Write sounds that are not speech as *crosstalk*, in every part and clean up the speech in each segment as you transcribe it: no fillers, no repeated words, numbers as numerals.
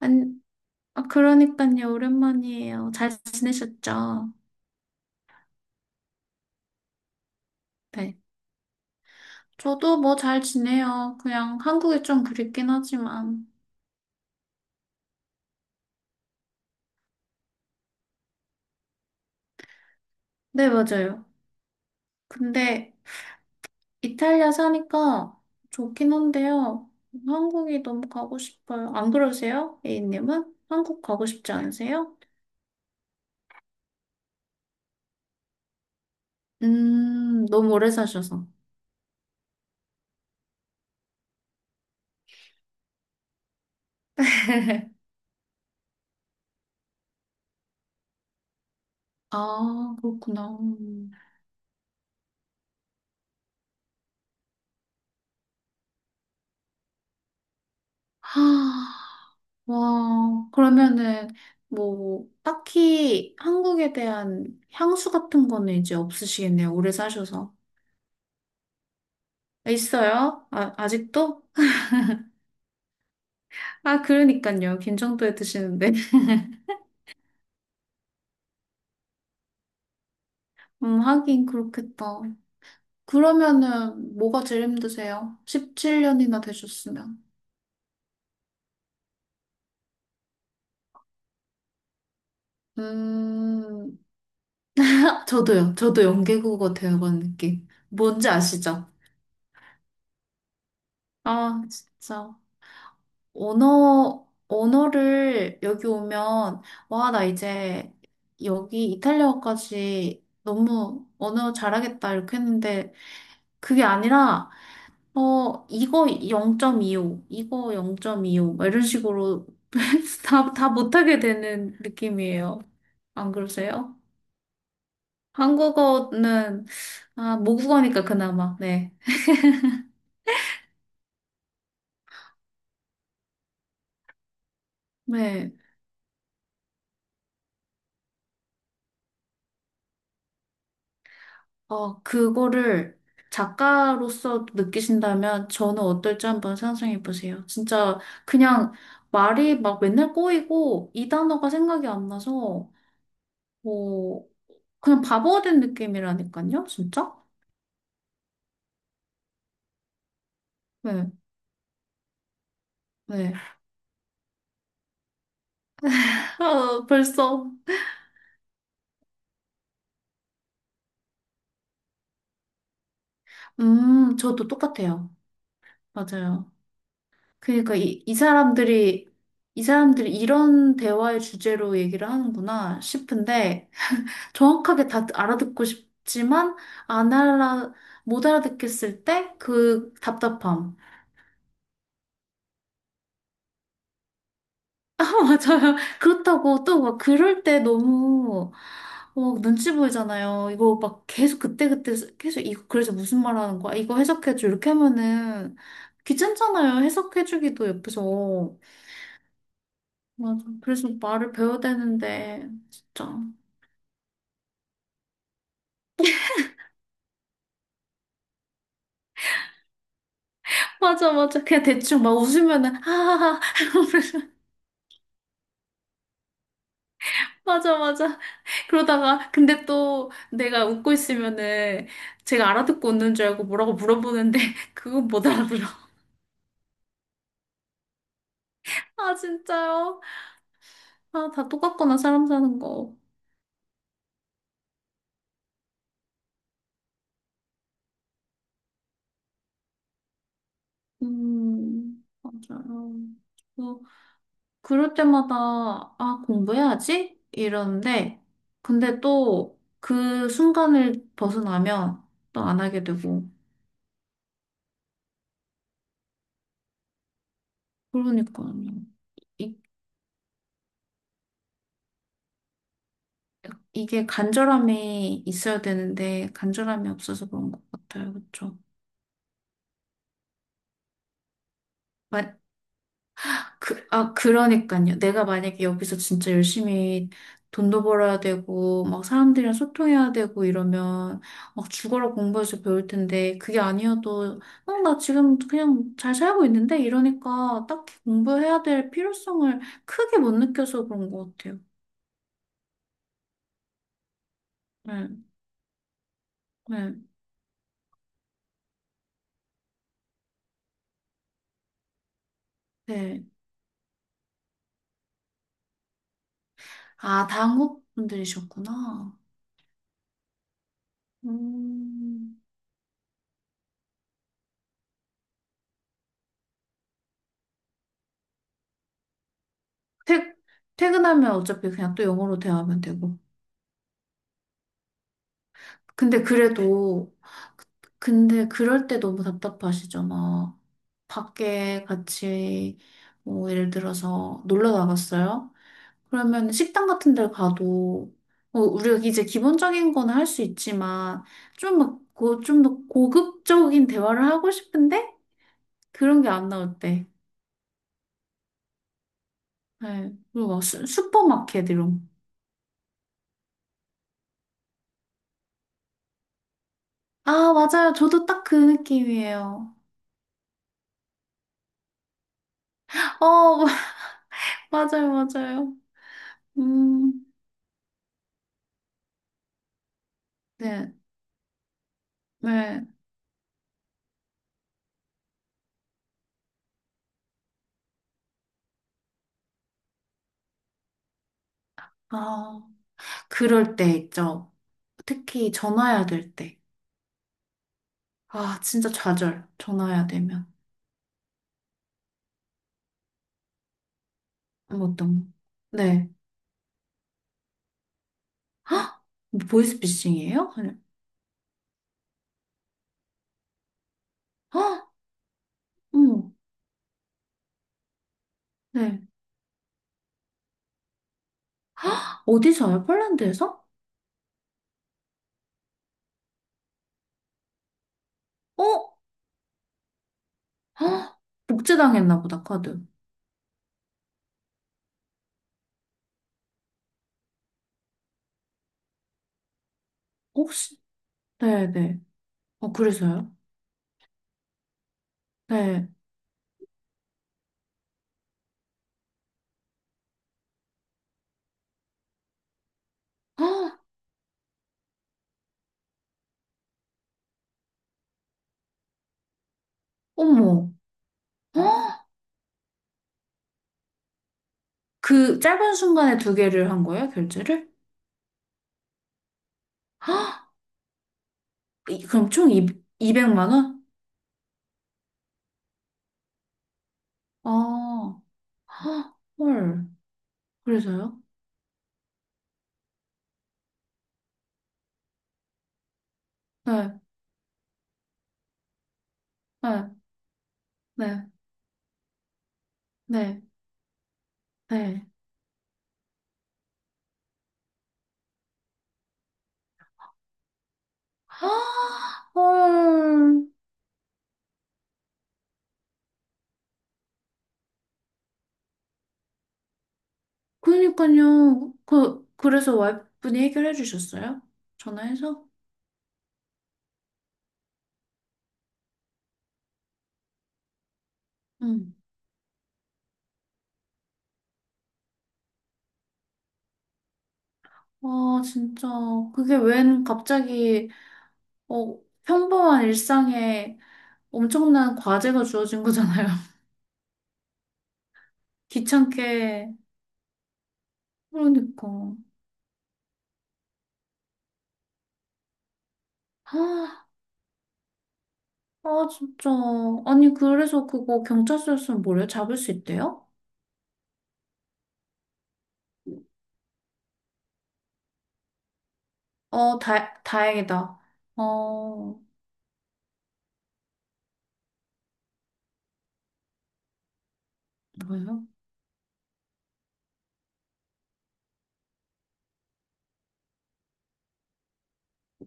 안, 아, 그러니까요. 오랜만이에요. 잘 지내셨죠? 네. 저도 뭐 잘 지내요. 그냥 한국이 좀 그립긴 하지만. 네, 맞아요. 근데 이탈리아 사니까 좋긴 한데요. 한국이 너무 가고 싶어요. 안 그러세요? A님은? 한국 가고 싶지 않으세요? 너무 오래 사셔서. *laughs* 아, 그렇구나. 하, 와, 그러면은 뭐 딱히 한국에 대한 향수 같은 거는 이제 없으시겠네요. 오래 사셔서. 있어요? 아, 아직도? 아, 그러니까요. 김정도에 드시는데. *laughs* 하긴 그렇겠다. 그러면은 뭐가 제일 힘드세요? 17년이나 되셨으면. 음, 저도요. 저도 연계국어 배워간 느낌. 뭔지 아시죠? 아, 진짜. 언어를 여기 오면, 와, 나 이제 여기 이탈리아어까지 너무 언어 잘하겠다, 이렇게 했는데, 그게 아니라, 이거 0.25, 이거 0.25, 막 이런 식으로 *laughs* 다 못하게 되는 느낌이에요. 안 그러세요? 한국어는, 아, 모국어니까 그나마, 네. 네. 어, 그거를 작가로서 느끼신다면 저는 어떨지 한번 상상해 보세요. 진짜 그냥 말이 막 맨날 꼬이고 이 단어가 생각이 안 나서 뭐 그냥 바보가 된 느낌이라니까요, 진짜? 네, 네. *laughs* 아, 벌써. 저도 똑같아요. 맞아요. 그러니까 이 사람들이 이 사람들이 이런 대화의 주제로 얘기를 하는구나 싶은데 정확하게 다 알아듣고 싶지만 안 알아 못 알아듣겠을 때 그 답답함. *laughs* 아, 맞아요. 그렇다고 또 막 그럴 때 너무 어, 눈치 보이잖아요. 이거 막 계속 그때그때 계속 이거 그래서 무슨 말 하는 거야? 이거 해석해줘. 이렇게 하면은 귀찮잖아요. 해석해주기도 옆에서. 맞아. 그래서 말을 배워야 되는데 진짜. 맞아, 맞아. 그냥 대충 막 웃으면은 하하하. *laughs* 맞아, 맞아. 그러다가 근데 또 내가 웃고 있으면은 제가 알아듣고 웃는 줄 알고 뭐라고 물어보는데 *laughs* 그건 못 알아들어. 아 진짜요? 아 다 똑같구나 사람 사는 거. 맞아요. 뭐 그럴 때마다 아 공부해야지 이러는데 근데 또 그 순간을 벗어나면 또 안 하게 되고 그러니까요. 이, 이게 간절함이 있어야 되는데 간절함이 없어서 그런 것 같아요. 그렇죠? 아, 그러니까요. 내가 만약에 여기서 진짜 열심히 돈도 벌어야 되고, 막 사람들이랑 소통해야 되고 이러면 막 죽어라 공부해서 배울 텐데, 그게 아니어도, 어, 나 지금 그냥 잘 살고 있는데? 이러니까 딱히 공부해야 될 필요성을 크게 못 느껴서 그런 것 같아요. 네, 네, 네. 아, 당국분들이셨구나. 음, 퇴, 퇴근하면 어차피 그냥 또 영어로 대화하면 되고. 근데 그래도, 근데 그럴 때 너무 답답하시잖아. 밖에 같이, 뭐, 예를 들어서 놀러 나갔어요? 그러면 식당 같은 데 가도, 어, 우리가 이제 기본적인 거는 할 수 있지만, 좀더 고급적인 대화를 하고 싶은데? 그런 게 안 나올 때. 네. 그리고 막 슈퍼마켓 이런. 아, 맞아요. 저도 딱 그 느낌이에요. 어, *laughs* 맞아요, 맞아요. 음, 네. 네. 아, 그럴 때 있죠. 특히 전화해야 될 때. 아, 진짜 좌절. 전화해야 되면. 뭐 어떤, 거. 네. 뭐 보이스피싱이에요? 그냥. 헉! 어머, 네. 어디서요? 폴란드에서? 어? 헉! 복제당했나 보다, 카드. 혹시? 네네. 어, 그래서요? 네. 헉! 어머. 헉! 그 짧은 순간에 두 개를 한 거예요, 결제를? 헉! 그럼 총 200만 원? 아, 헉! 헐. 그래서요? 네, 네, 네, 네, 네. 어, 그러니까요. 그래서 와이프분이 해결해 주셨어요? 전화해서? 응. 와, 진짜. 그게 웬 갑자기, 어, 평범한 일상에 엄청난 과제가 주어진 거잖아요. *laughs* 귀찮게. 그러니까. 아, 아, 진짜. 아니, 그래서 그거 경찰서였으면 뭐래요? 잡을 수 있대요? 어, 다행이다. 어, 뭐예요?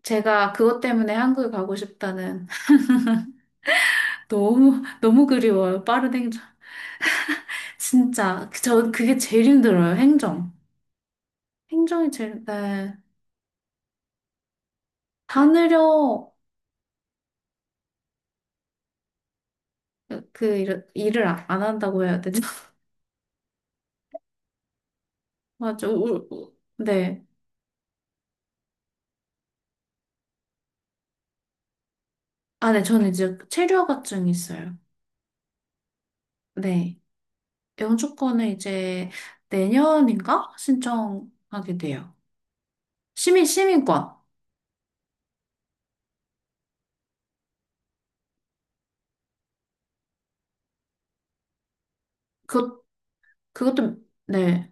제가 그것 때문에 한국에 가고 싶다는 *laughs* 너무 너무 그리워요. 빠른 행정. 진짜 전 그게 제일 힘들어요. 행정. 행정이 제일 네. 다느려 그 일을 아- 안 한다고 해야 되죠? *laughs* 맞아. 네. 아, 네. 저는 이제 체류허가증이 있어요. 네. 영주권을 이제 내년인가 신청하게 돼요. 시민권. 그 그것도 네.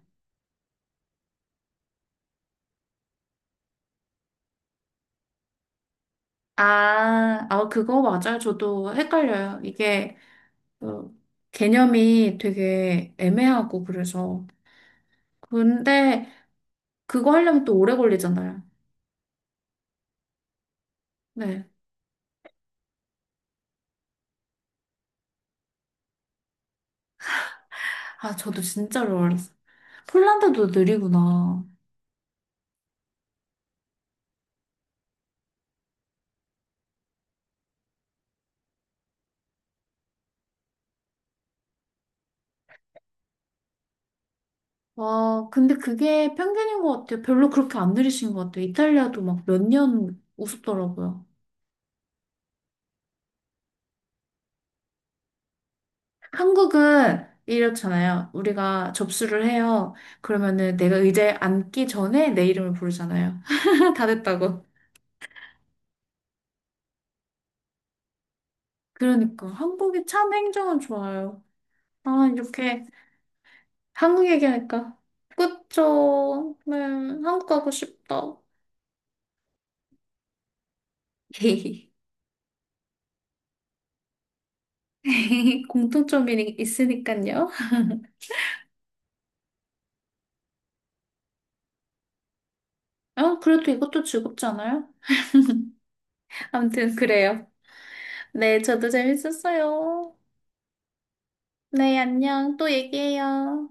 아, 아, 그거 맞아요. 저도 헷갈려요. 이게 어, 개념이 되게 애매하고 그래서. 근데 그거 하려면 또 오래 걸리잖아요. 네. 아, 저도 진짜로 어렸어요. 폴란드도 느리구나. 와, 근데 그게 편견인 것 같아요. 별로 그렇게 안 느리신 것 같아요. 이탈리아도 막 몇 년 우습더라고요. 한국은 이렇잖아요. 우리가 접수를 해요. 그러면은 내가 의자에 앉기 전에 내 이름을 부르잖아요. *laughs* 다 됐다고. 그러니까 한국이 참 행정은 좋아요. 아, 이렇게 한국 얘기하니까. 그쵸. 네, 한국 가고 싶다. *laughs* 공통점이 있으니까요. 아, 그래도 이것도 즐겁지 않아요? 아무튼 그래요. 네, 저도 재밌었어요. 네, 안녕. 또 얘기해요.